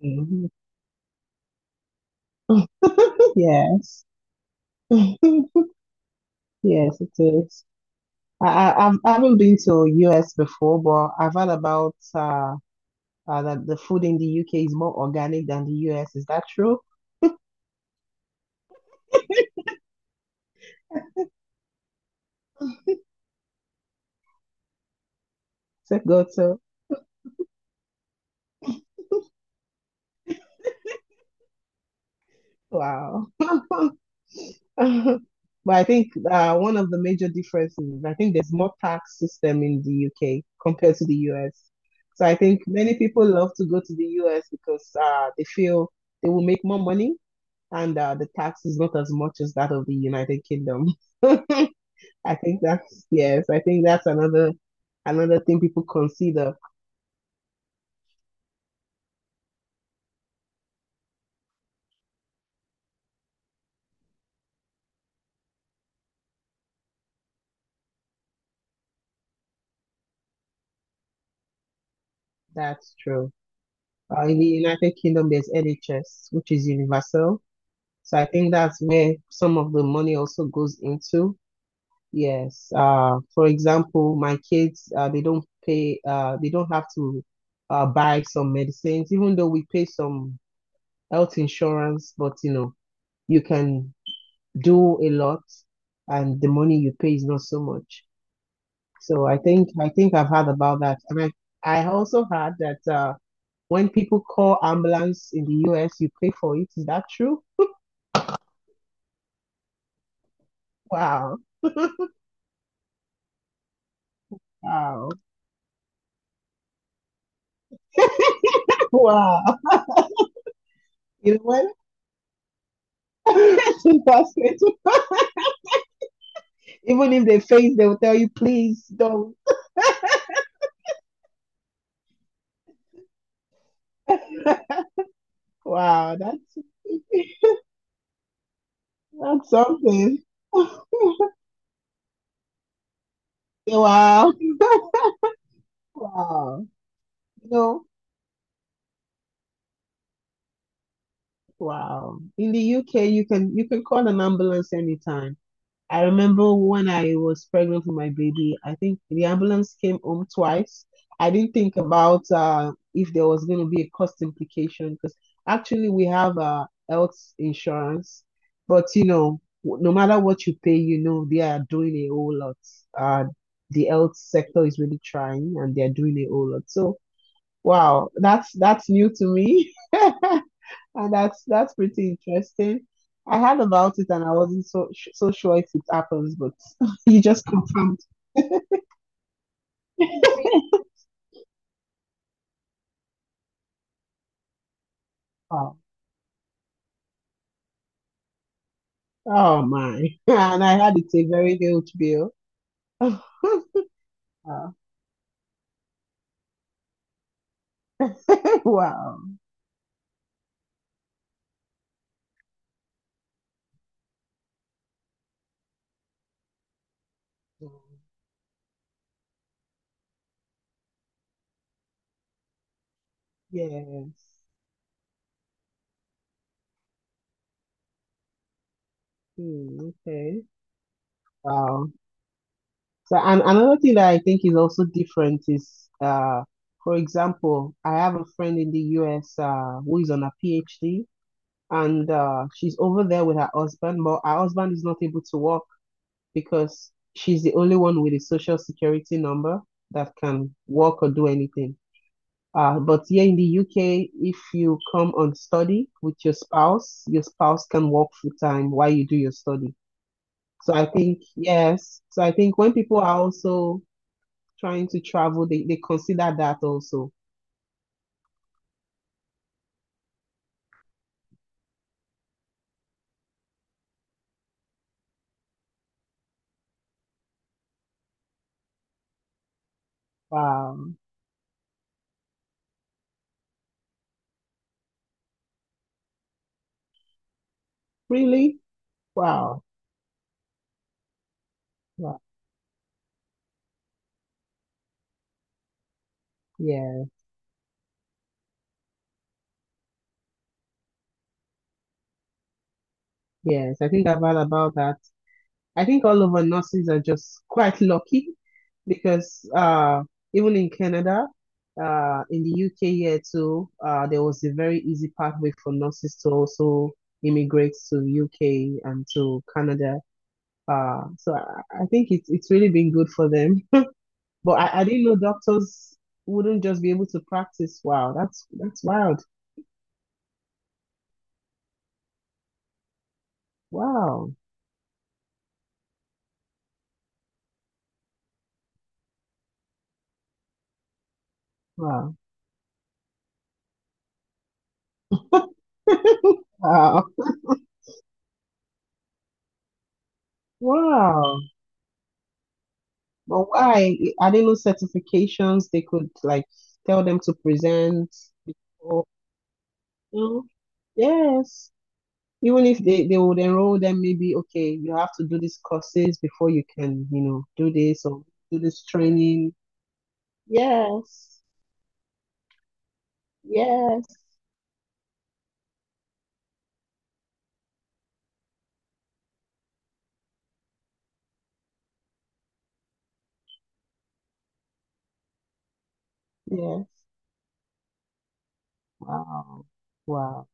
Mhm. Yes. Yes, it is. I haven't been to US before, but I've heard about that the food in the UK is more organic than the US. Is that true? To go to, wow. But I think one of the major differences is I think there's more tax system in the UK compared to the US. So I think many people love to go to the US because they feel they will make more money and the tax is not as much as that of the United Kingdom. I I think that's another thing people consider. That's true. In the United Kingdom, there's NHS, which is universal. So I think that's where some of the money also goes into. Yes. For example, my kids, they don't have to buy some medicines, even though we pay some health insurance, but you can do a lot and the money you pay is not so much. So I think I've heard about that. And I also heard that when people call ambulance in the US, you pay for it. Is that true? Wow. Wow. Wow. You know what? It's impossible. Even if they faint, they will tell you, please don't. Wow, that's something. Wow. Wow. You know, wow. In the UK, you can call an ambulance anytime. I remember when I was pregnant with my baby, I think the ambulance came home twice. I didn't think about if there was going to be a cost implication because actually we have health insurance, but no matter what you pay, you know they are doing a whole lot. Uh, the health sector is really trying, and they are doing a whole lot. So wow, that's new to me. And that's pretty interesting. I heard about it and I wasn't so sure if it happens, but you just confirmed. Wow. Oh my. And I had it's a very huge bill. Wow. Wow. Yes. Hmm, okay. Wow. So and another thing that I think is also different is for example, I have a friend in the US who is on a PhD and she's over there with her husband, but her husband is not able to work because she's the only one with a social security number that can work or do anything. But here in the UK, if you come on study with your spouse can work full time while you do your study. So I think, yes. So I think when people are also trying to travel, they consider that also. Wow. Really? Wow. Wow. Yeah. Yes. I think I've heard about that. I think all of our nurses are just quite lucky because even in Canada, in the UK here too, there was a very easy pathway for nurses to also immigrate to UK and to Canada. So I think it's really been good for them. But I didn't know doctors wouldn't just be able to practice. Wow, that's wild. Wow, wow, wow, wow. But why? Are there no certifications they could like tell them to present before? No. Yes. Even if they would enroll them, maybe, okay, you have to do these courses before you can, you know, do this or do this training. Yes. Yes. Yes. Wow. Wow.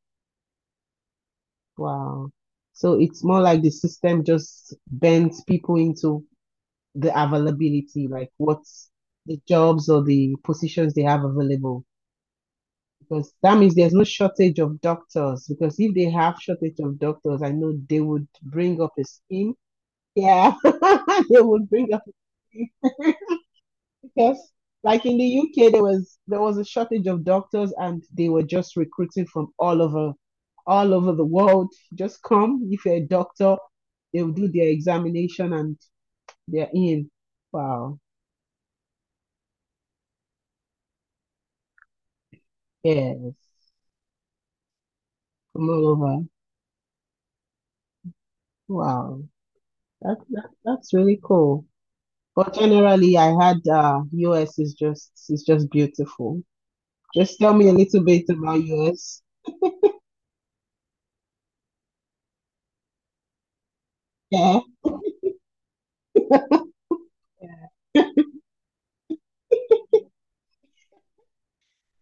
Wow. So it's more like the system just bends people into the availability, like what's the jobs or the positions they have available, because that means there's no shortage of doctors. Because if they have shortage of doctors, I know they would bring up a scheme. Yeah, they would bring up a scheme. Because like in the UK, there was a shortage of doctors, and they were just recruiting from all over the world. Just come if you're a doctor, they'll do their examination, and they're in. Wow. Yes, from all over. Wow. That's really cool. But generally, I had US is just beautiful. Just tell me a little bit about US. Yeah. Yeah.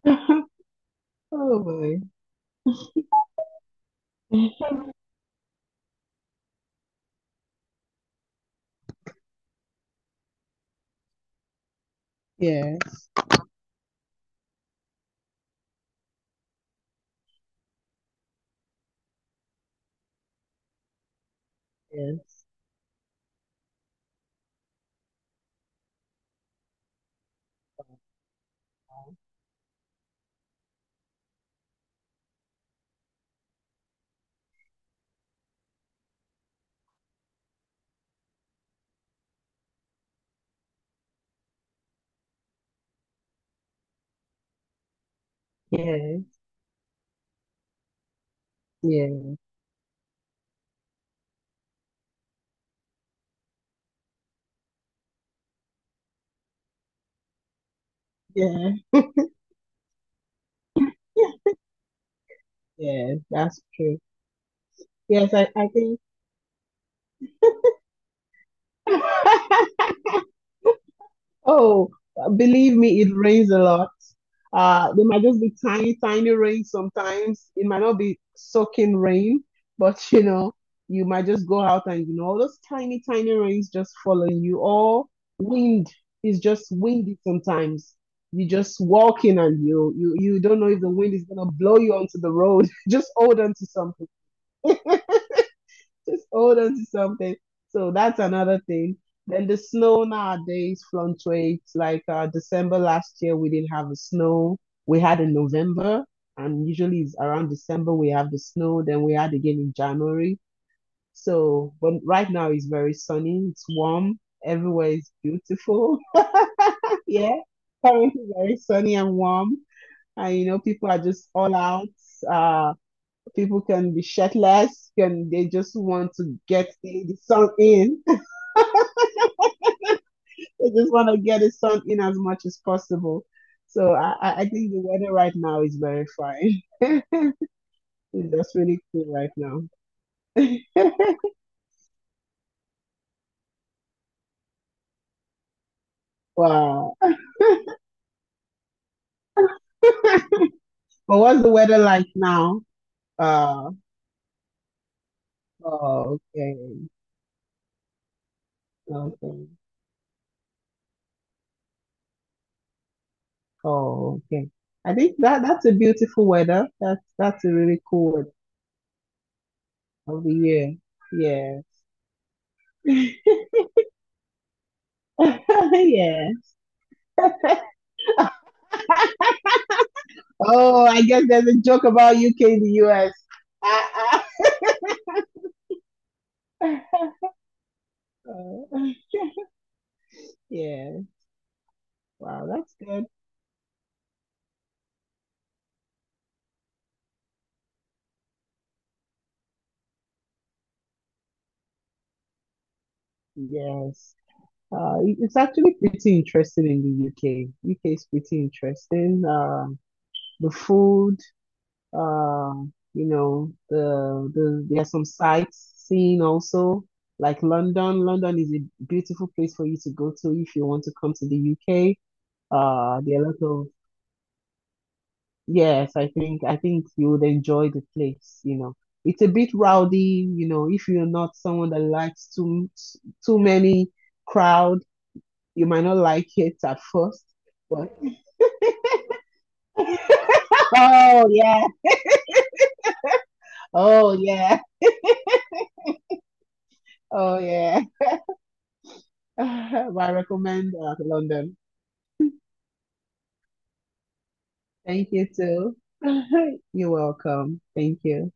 Oh boy. Yes. Yes. Yeah. Yeah. Yeah. Yeah. That's true. Yes, I think. Oh, believe me, it rains a lot. There might just be tiny, tiny rain sometimes. It might not be soaking rain, but you might just go out and all those tiny, tiny rains just following you. Or wind is just windy sometimes. You just walking and you don't know if the wind is gonna blow you onto the road. Just hold on to something, just hold on to something. So that's another thing. Then the snow nowadays fluctuates. Like December last year, we didn't have the snow. We had in November, and usually it's around December we have the snow. Then we had again in January. So, but right now it's very sunny. It's warm. Everywhere is beautiful. Yeah, currently very sunny and warm. And you know, people are just all out. Uh, People can be shirtless, can they just want to get the sun in? They just want to get the sun in as much as possible. So I think the weather right now is very fine. That's really cool right now. Wow. But what's the weather like now? Uh, oh, okay. Okay. Oh, okay. I think that that's a beautiful weather. That's a really cool weather of the year. Yeah. Yeah. Oh, I guess there's a joke about UK the US. Uh, yeah. Wow, that's good. Yes. It's actually pretty interesting in the UK. UK is pretty interesting. The food, you know, the there are some sightseeing also, like London. London is a beautiful place for you to go to if you want to come to the UK. There are a lot of. Yes, I think you would enjoy the place, you know. It's a bit rowdy, you know, if you're not someone that likes too many crowd, you might not like it at first. But oh yeah, oh yeah, oh yeah. But I recommend London. Thank you too. You're welcome. Thank you.